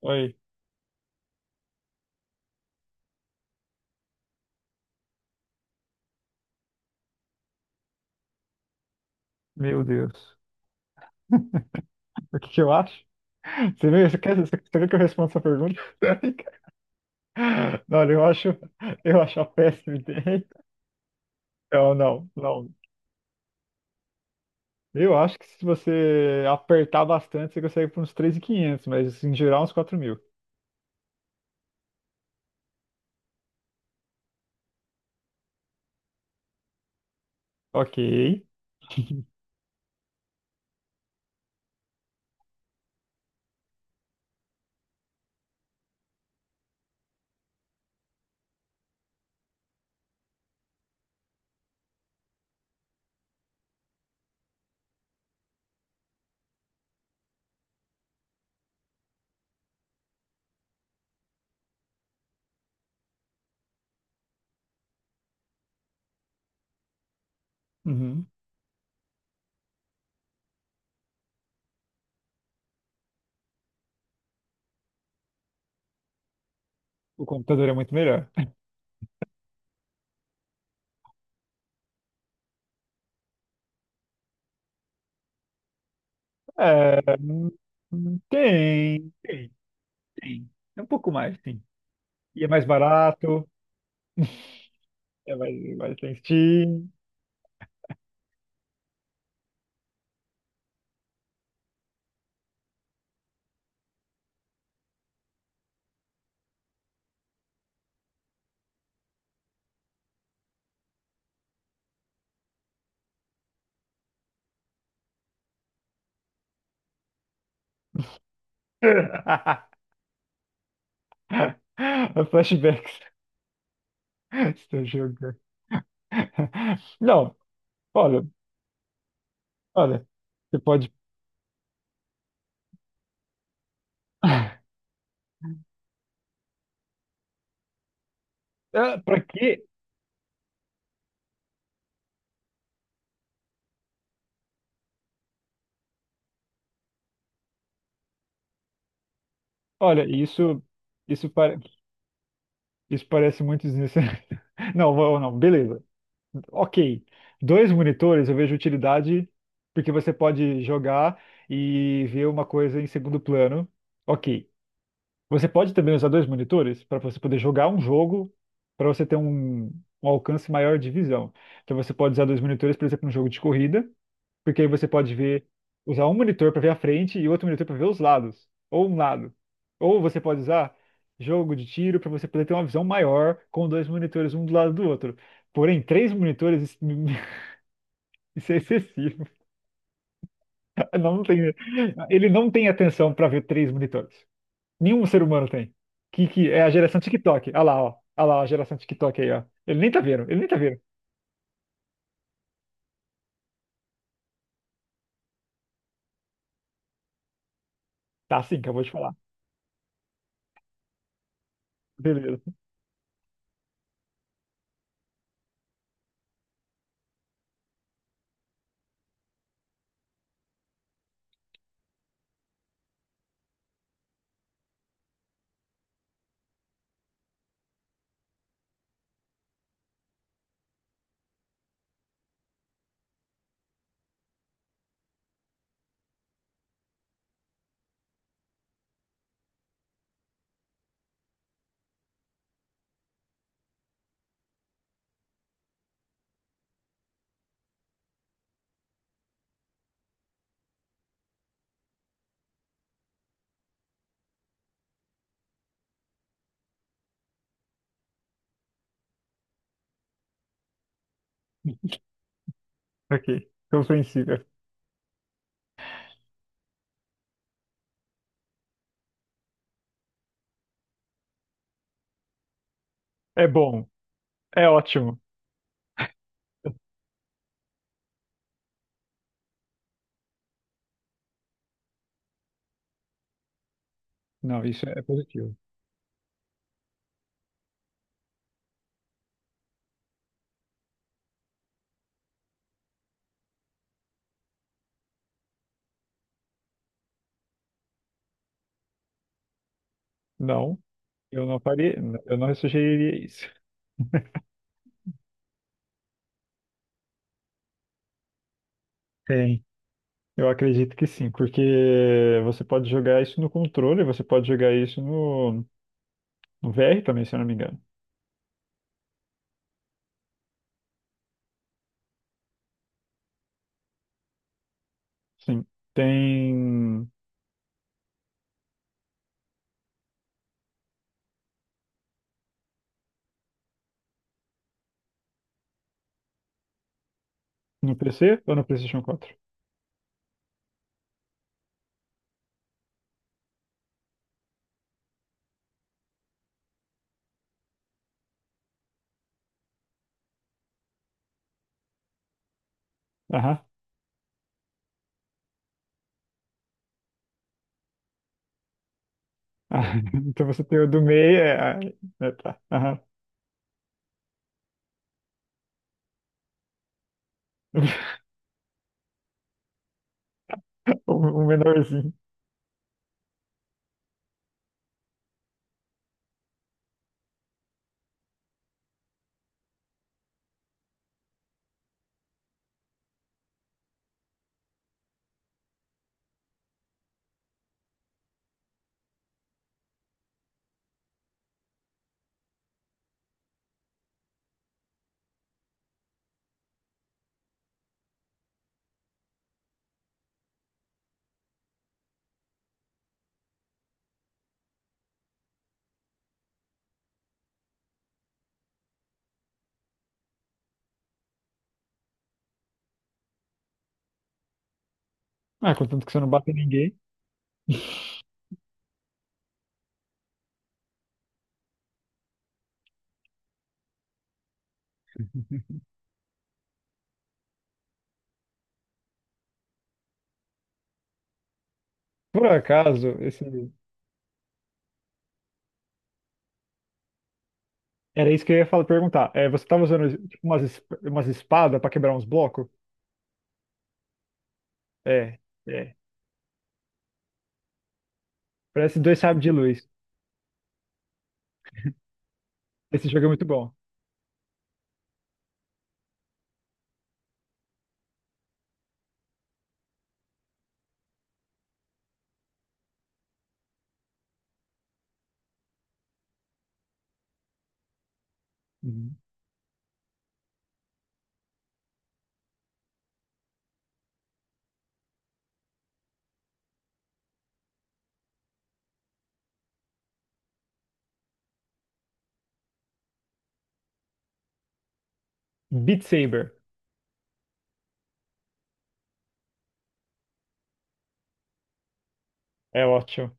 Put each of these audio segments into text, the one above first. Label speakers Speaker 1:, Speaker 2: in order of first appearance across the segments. Speaker 1: Oi, meu Deus. O que que eu acho? Você quer que eu responda essa pergunta? Não, olha, eu acho a péssima ideia. Não, não, não. Eu acho que se você apertar bastante, você consegue por uns 3.500, mas assim, em geral uns 4.000. Ok. Uhum. O computador é muito melhor. É, tem, tem, tem. É um pouco mais, sim. E é mais barato, mais tem Steam. Flashbacks. Estou jogando. Não, olha, olha, você pode. Ah, pra quê? Olha, isso, pare- isso parece muito desnecessário. Não, não, beleza. Ok. Dois monitores eu vejo utilidade porque você pode jogar e ver uma coisa em segundo plano. Ok. Você pode também usar dois monitores para você poder jogar um jogo, para você ter um alcance maior de visão. Então você pode usar dois monitores, por exemplo, num jogo de corrida, porque aí você pode ver, usar um monitor para ver a frente e outro monitor para ver os lados, ou um lado. Ou você pode usar jogo de tiro para você poder ter uma visão maior com dois monitores um do lado do outro. Porém, três monitores, isso isso é excessivo. Não tem, ele não tem atenção para ver três monitores. Nenhum ser humano tem. Que é a geração TikTok. Olha lá, ó. Olha lá, ó, a geração TikTok aí, ó. Ele nem tá vendo, ele nem tá vendo. Tá sim, que eu vou te falar. Beleza. Ok. Compreensível. É bom. É ótimo. Não, isso é positivo. Não, eu não faria, eu não sugeriria isso. Tem. Eu acredito que sim, porque você pode jogar isso no controle, você pode jogar isso no VR também, se eu não me engano. Sim. Tem no PC ou no PlayStation 4? Ah, então você tem o do meio, é, ah, é, tá. Aham. O, o menorzinho. Ah, contanto que você não bate em ninguém. Por acaso, esse... Era isso que eu ia falar, perguntar. É, você tava usando tipo, umas espadas pra quebrar uns blocos? É, é. Parece dois sabres de luz. Esse jogo é muito bom. Uhum. Beat Saber. É ótimo.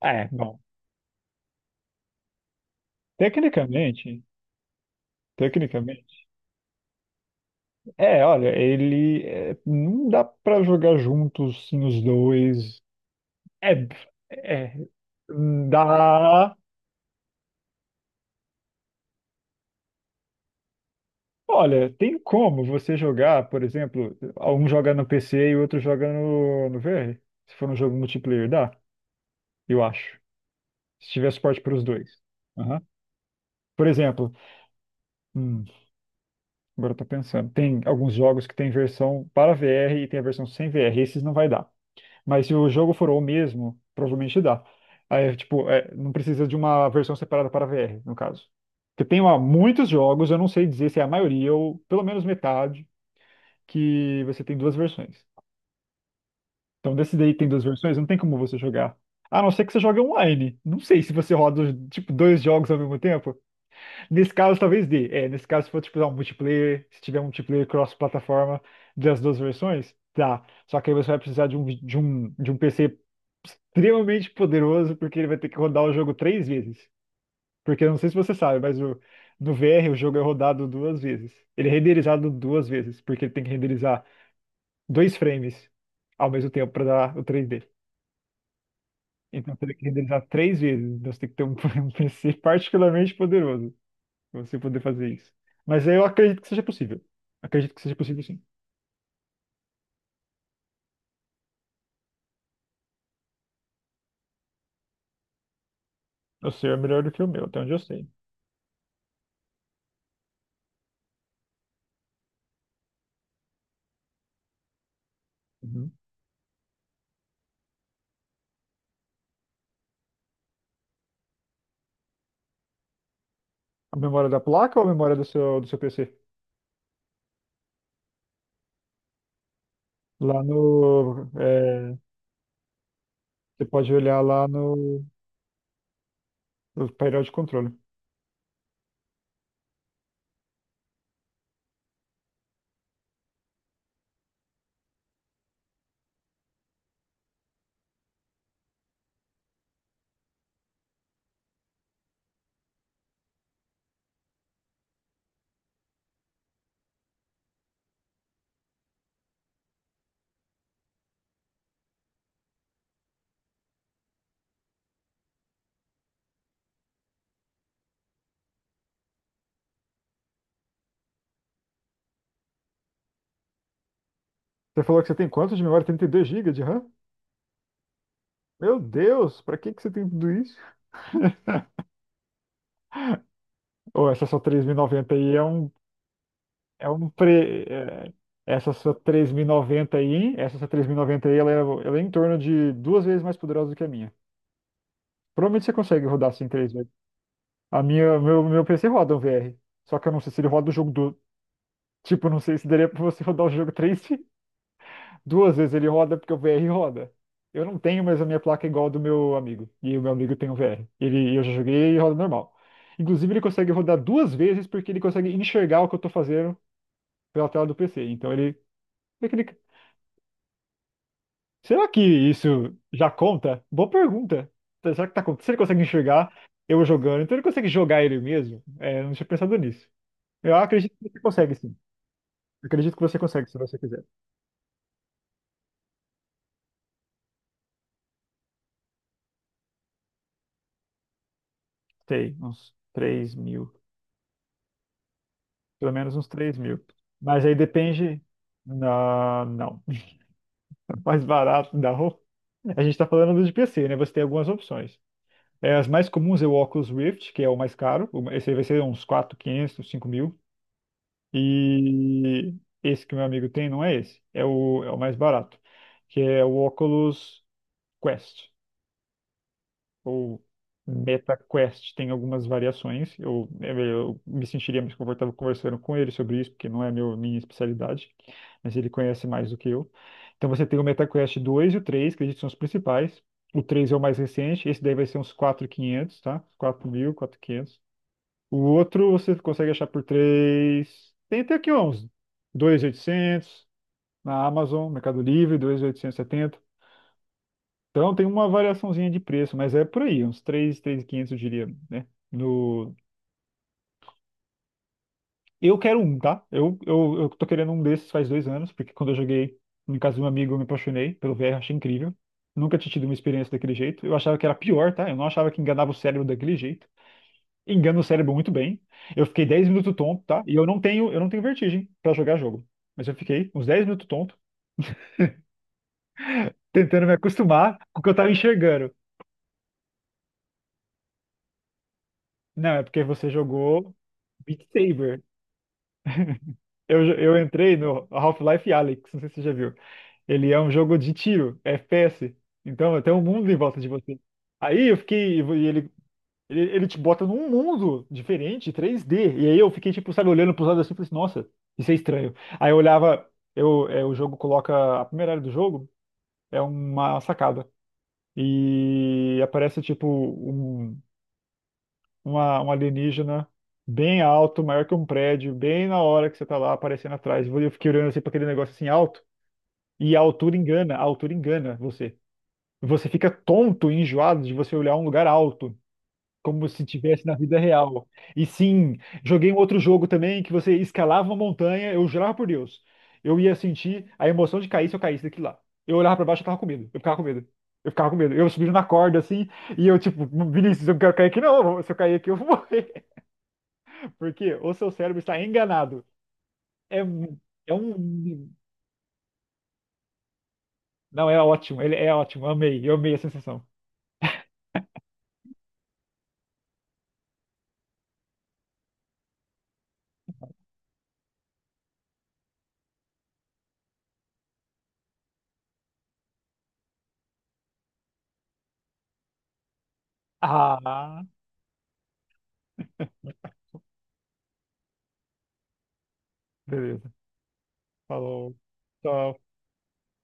Speaker 1: Ah, é, bom. Tecnicamente, tecnicamente. É, olha, não dá pra jogar juntos, sim, os dois. É, é, dá. Olha, tem como você jogar, por exemplo, um joga no PC e o outro joga no VR? Se for um jogo multiplayer, dá, eu acho. Se tiver suporte para os dois. Aham. Por exemplo, hum, agora eu tô pensando, tem alguns jogos que tem versão para VR e tem a versão sem VR. Esses não vai dar. Mas se o jogo for o mesmo, provavelmente dá. Aí, tipo, é, não precisa de uma versão separada para VR, no caso. Porque tem ó, muitos jogos, eu não sei dizer se é a maioria ou pelo menos metade, que você tem duas versões. Então, desse daí que tem duas versões, não tem como você jogar. A não ser que você jogue online. Não sei se você roda, tipo, dois jogos ao mesmo tempo. Nesse caso, talvez dê. É, nesse caso, se for, tipo, dar um multiplayer, se tiver um multiplayer cross-plataforma das duas versões, dá. Só que aí você vai precisar de um, vi- de um PC extremamente poderoso, porque ele vai ter que rodar o jogo três vezes. Porque eu não sei se você sabe, mas no VR o jogo é rodado duas vezes. Ele é renderizado duas vezes, porque ele tem que renderizar dois frames ao mesmo tempo para dar o 3D. Então você tem que renderizar três vezes. Então você tem que ter um, um PC particularmente poderoso para você poder fazer isso. Mas eu acredito que seja possível. Acredito que seja possível sim. O seu é melhor do que o meu, até onde eu sei. Uhum. A memória da placa ou a memória do seu PC? Lá no. é, Você pode olhar lá no painel de controle. Você falou que você tem quanto de memória? 32 gigas de RAM? Meu Deus, pra que que você tem tudo isso? Ou essa sua 3090 aí é um pre é- essa sua 3090 aí, essa sua 3090 aí, ela é em torno de duas vezes mais poderosa do que a minha. Provavelmente você consegue rodar assim três vezes. A minha, meu PC roda um VR, só que eu não sei se ele roda o jogo do tipo, eu não sei se daria pra você rodar o jogo 3. Duas vezes ele roda porque o VR roda. Eu não tenho, mas a minha placa é igual a do meu amigo. E o meu amigo tem o VR. Eu já joguei e roda normal. Inclusive, ele consegue rodar duas vezes porque ele consegue enxergar o que eu tô fazendo pela tela do PC. Então ele clica. Será que isso já conta? Boa pergunta. Então, será que tá acontecendo? Se ele consegue enxergar eu jogando, então ele consegue jogar ele mesmo? É, eu não tinha pensado nisso. Eu acredito que você consegue, sim. Eu acredito que você consegue, se você quiser. Tem uns 3.000. Pelo menos uns 3.000. Mas aí depende. Não, não. Mais barato da roupa. A gente está falando do PC, né? Você tem algumas opções. É, as mais comuns é o Oculus Rift, que é o mais caro. Esse aí vai ser uns 4, 500, 5.000. E esse que meu amigo tem não é esse. É o mais barato, que é o Oculus Quest. Ou MetaQuest tem algumas variações. Eu me sentiria mais confortável conversando com ele sobre isso, porque não é meu, minha especialidade, mas ele conhece mais do que eu. Então você tem o MetaQuest 2 e o 3, que acredito que são os principais. O 3 é o mais recente, esse daí vai ser uns 4.500, tá? 4.000, quinhentos. O outro você consegue achar por 3, tem até aqui uns 2.800 na Amazon, Mercado Livre, 2.870. Então tem uma variaçãozinha de preço, mas é por aí, uns 3, 3.500 eu diria, né? No... Eu quero um, tá? Eu tô querendo um desses faz 2 anos, porque quando eu joguei em casa de um amigo eu me apaixonei pelo VR, achei incrível. Nunca tinha tido uma experiência daquele jeito. Eu achava que era pior, tá? Eu não achava que enganava o cérebro daquele jeito. Engana o cérebro muito bem. Eu fiquei 10 minutos tonto, tá? E eu não tenho vertigem pra jogar jogo. Mas eu fiquei uns 10 minutos tonto, tentando me acostumar com o que eu tava enxergando. Não, é porque você jogou Beat Saber. Eu entrei no Half-Life Alyx, não sei se você já viu. Ele é um jogo de tiro, FPS. Então tem um mundo em volta de você. Aí eu fiquei. E ele te bota num mundo diferente, 3D. E aí eu fiquei, tipo, sabe, olhando pros lados assim e falei assim, nossa, isso é estranho. Aí eu olhava, o jogo coloca. A primeira área do jogo é uma sacada. E aparece, tipo, um um alienígena bem alto, maior que um prédio, bem na hora que você tá lá aparecendo atrás. Eu fiquei olhando assim pra aquele negócio assim alto, e a altura engana você. Você fica tonto e enjoado de você olhar um lugar alto, como se tivesse na vida real. E sim, joguei um outro jogo também que você escalava uma montanha, eu jurava por Deus. Eu ia sentir a emoção de cair se eu caísse daqui lá. Eu olhava pra baixo, eu tava com medo. Eu ficava com medo. Eu ficava com medo. Eu subindo na corda assim, e eu tipo, Vinícius, eu não quero cair aqui não. Se eu cair aqui, eu vou morrer. Porque o seu cérebro está enganado. É, é um. Não, é ótimo. Ele é ótimo. Amei, eu amei a sensação. Ah, beleza. Falou. Tchau.